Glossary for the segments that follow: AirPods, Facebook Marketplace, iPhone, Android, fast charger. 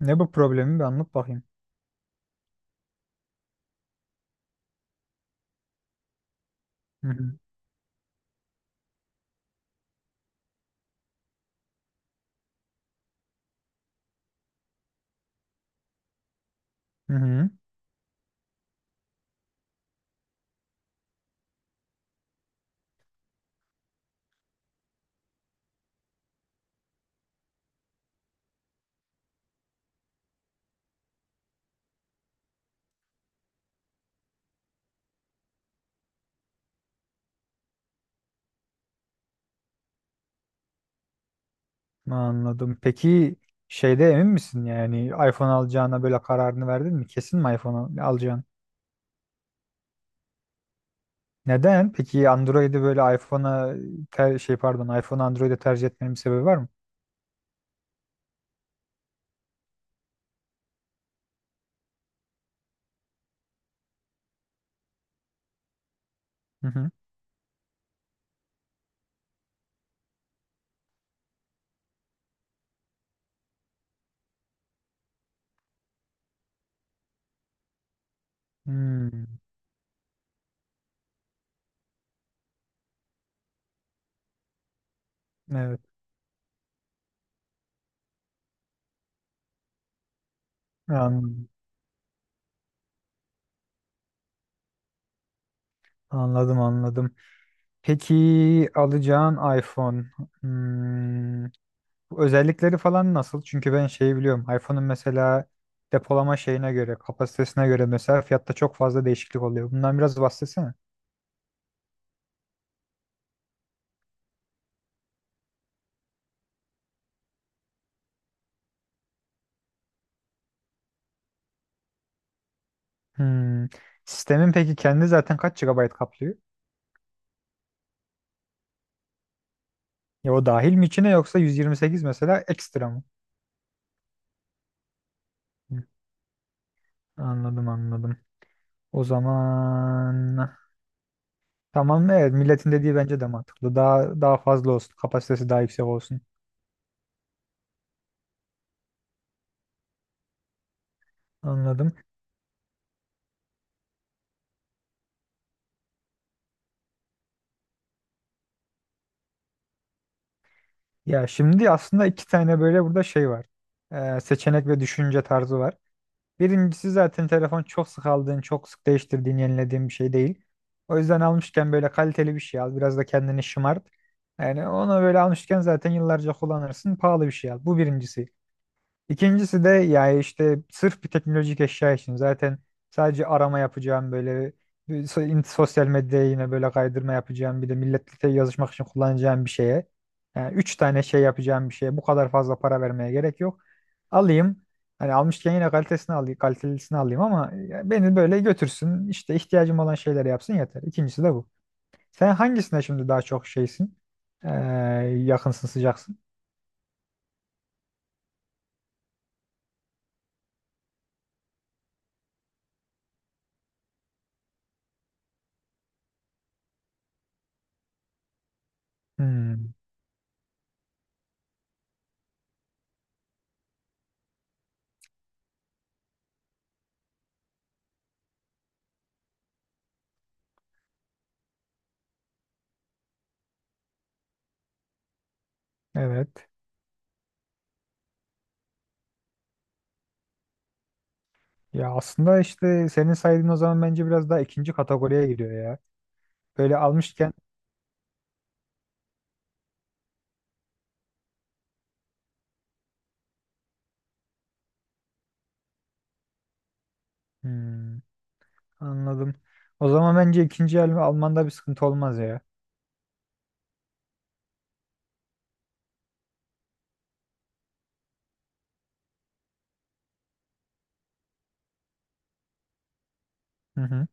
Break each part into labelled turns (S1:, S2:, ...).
S1: Ne bu problemi bir anlat bakayım. Hı hı. Hı hı. Anladım. Peki şeyde emin misin, yani iPhone alacağına böyle kararını verdin mi? Kesin mi iPhone alacaksın? Neden? Peki Android'i böyle iPhone'a şey pardon, iPhone Android'e tercih etmenin bir sebebi var mı? Hı hı. Hmm, evet. Anladım. Anladım anladım. Peki alacağın iPhone. Hmm, Özellikleri falan nasıl? Çünkü ben şeyi biliyorum. iPhone'un mesela depolama şeyine göre, kapasitesine göre mesela fiyatta çok fazla değişiklik oluyor. Bundan biraz bahsetsene. Hmm. Sistemin peki kendi zaten kaç GB kaplıyor? Ya o dahil mi içine, yoksa 128 mesela ekstra mı? Hı, anladım anladım. O zaman tamam, evet, milletin dediği bence de mantıklı. Daha fazla olsun. Kapasitesi daha yüksek olsun. Anladım. Ya şimdi aslında iki tane böyle burada şey var. Seçenek ve düşünce tarzı var. Birincisi, zaten telefon çok sık aldığın, çok sık değiştirdiğin, yenilediğin bir şey değil. O yüzden almışken böyle kaliteli bir şey al. Biraz da kendini şımart. Yani onu böyle almışken zaten yıllarca kullanırsın. Pahalı bir şey al. Bu birincisi. İkincisi de yani işte sırf bir teknolojik eşya için zaten sadece arama yapacağım, böyle bir sosyal medyaya yine böyle kaydırma yapacağım, bir de milletle yazışmak için kullanacağım bir şeye. Yani üç tane şey yapacağım bir şeye bu kadar fazla para vermeye gerek yok. Alayım, hani almışken yine kalitesini alayım, kalitelisini alayım ama ya beni böyle götürsün, işte ihtiyacım olan şeyleri yapsın, yeter. İkincisi de bu. Sen hangisine şimdi daha çok şeysin? Ee, yakınsın, sıcaksın. Hmm, evet. Ya aslında işte senin saydığın, o zaman bence biraz daha ikinci kategoriye giriyor ya. Böyle almışken. Hmm, anladım. O zaman bence ikinci el Alman'da bir sıkıntı olmaz ya. Hı hı.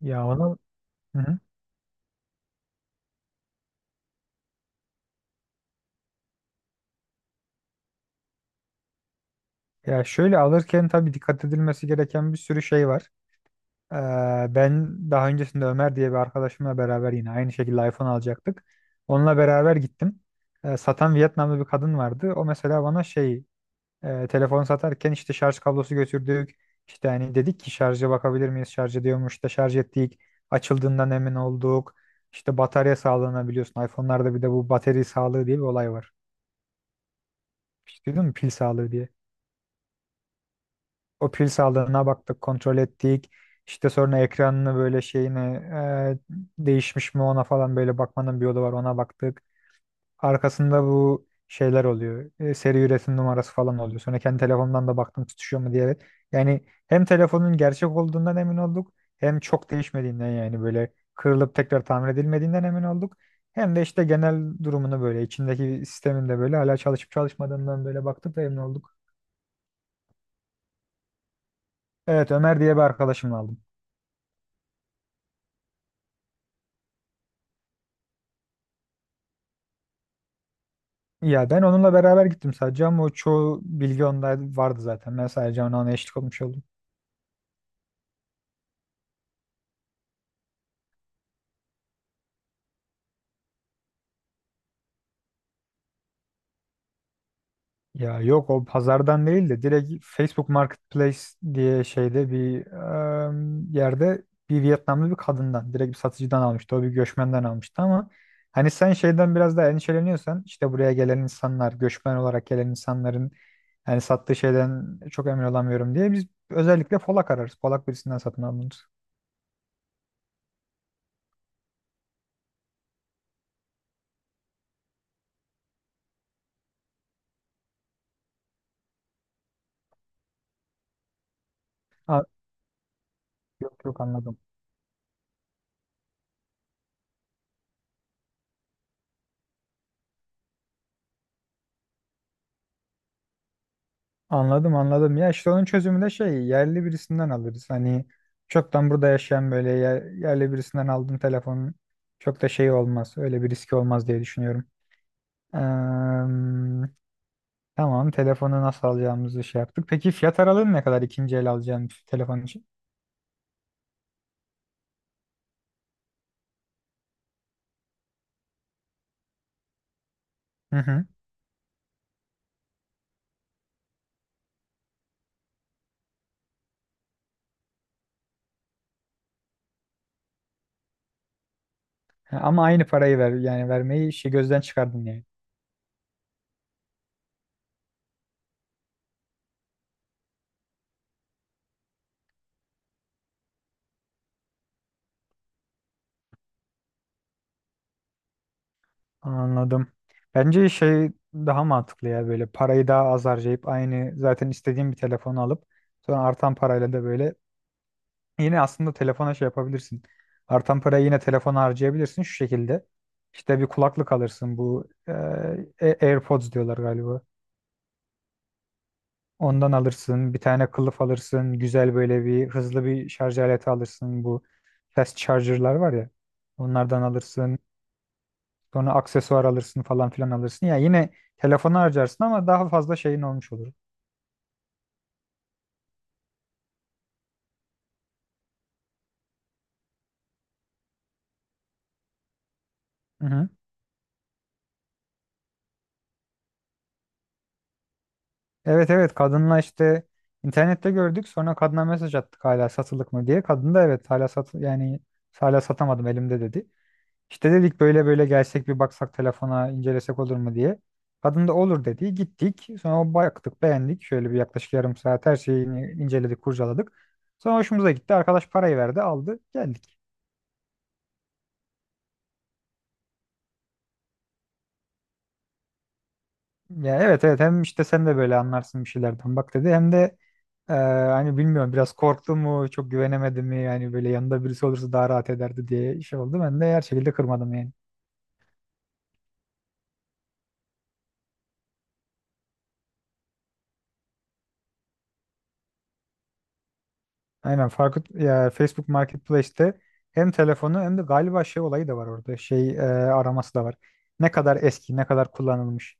S1: Ya onu. Hı hı. Ya şöyle alırken tabii dikkat edilmesi gereken bir sürü şey var. Ee, ben daha öncesinde Ömer diye bir arkadaşımla beraber yine aynı şekilde iPhone alacaktık. Onunla beraber gittim. Satan Vietnamlı bir kadın vardı. O mesela bana şey. Telefon satarken işte şarj kablosu götürdük. İşte hani dedik ki şarja bakabilir miyiz? Şarj ediyormuş. İşte şarj ettik. Açıldığından emin olduk. İşte batarya sağlığına biliyorsun. iPhone'larda bir de bu batarya sağlığı diye bir olay var. Hiç duydun mu? Pil sağlığı diye. O pil sağlığına baktık, kontrol ettik. İşte sonra ekranını böyle şeyine değişmiş mi, ona falan böyle bakmanın bir yolu var, ona baktık. Arkasında bu şeyler oluyor. Seri üretim numarası falan oluyor. Sonra kendi telefondan da baktım tutuşuyor mu diye. Evet. Yani hem telefonun gerçek olduğundan emin olduk, hem çok değişmediğinden, yani böyle kırılıp tekrar tamir edilmediğinden emin olduk. Hem de işte genel durumunu, böyle içindeki sistemin de böyle hala çalışıp çalışmadığından böyle baktık ve emin olduk. Evet, Ömer diye bir arkadaşımla aldım. Ya ben onunla beraber gittim sadece, ama o çoğu bilgi onda vardı zaten. Ben sadece ona eşlik olmuş oldum. Ya yok, o pazardan değil de direkt Facebook Marketplace diye şeyde bir yerde bir Vietnamlı bir kadından, direkt bir satıcıdan almıştı. O bir göçmenden almıştı ama hani sen şeyden biraz daha endişeleniyorsan, işte buraya gelen insanlar, göçmen olarak gelen insanların yani sattığı şeyden çok emin olamıyorum diye biz özellikle Polak ararız. Polak birisinden satın alırız. Ha, yok yok, anladım. Anladım anladım. Ya işte onun çözümü de şey, yerli birisinden alırız. Hani çoktan burada yaşayan böyle yerli birisinden aldığın telefonun çok da şey olmaz. Öyle bir riski olmaz diye düşünüyorum. Eee, tamam, telefonu nasıl alacağımızı şey yaptık. Peki fiyat aralığın ne kadar ikinci el alacağın bir telefon için? Hı hı. Ha, ama aynı parayı ver, yani vermeyi şey, gözden çıkardın yani. Anladım. Bence şey daha mantıklı ya, böyle parayı daha az harcayıp, aynı zaten istediğim bir telefonu alıp sonra artan parayla da böyle. Yine aslında telefona şey yapabilirsin. Artan parayı yine telefona harcayabilirsin şu şekilde. İşte bir kulaklık alırsın, bu AirPods diyorlar galiba. Ondan alırsın. Bir tane kılıf alırsın. Güzel böyle bir hızlı bir şarj aleti alırsın. Bu fast charger'lar var ya. Onlardan alırsın. Sonra aksesuar alırsın falan filan alırsın. Ya yine telefona harcarsın ama daha fazla şeyin olmuş olur. Hı hı. Evet evet, kadınla işte internette gördük, sonra kadına mesaj attık hala satılık mı diye. Kadın da evet, hala yani hala satamadım elimde dedi. İşte dedik böyle böyle gelsek, bir baksak telefona, incelesek olur mu diye. Kadın da olur dedi. Gittik. Sonra baktık, beğendik. Şöyle bir yaklaşık yarım saat her şeyini inceledik, kurcaladık. Sonra hoşumuza gitti. Arkadaş parayı verdi, aldı, geldik. Ya evet evet, hem işte sen de böyle anlarsın bir şeylerden bak dedi. Hem de hani bilmiyorum, biraz korktu mu, çok güvenemedi mi, yani böyle yanında birisi olursa daha rahat ederdi diye şey oldu. Ben de her şekilde kırmadım yani. Aynen farklı ya, Facebook Marketplace'te hem telefonu hem de galiba şey olayı da var orada, şey araması da var. Ne kadar eski, ne kadar kullanılmış.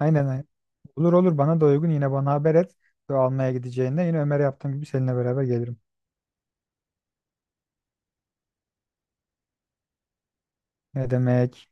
S1: Aynen aynen. Olur olur, bana da uygun, yine bana haber et. Ve almaya gideceğinde yine Ömer'e yaptığım gibi seninle beraber gelirim. Ne demek?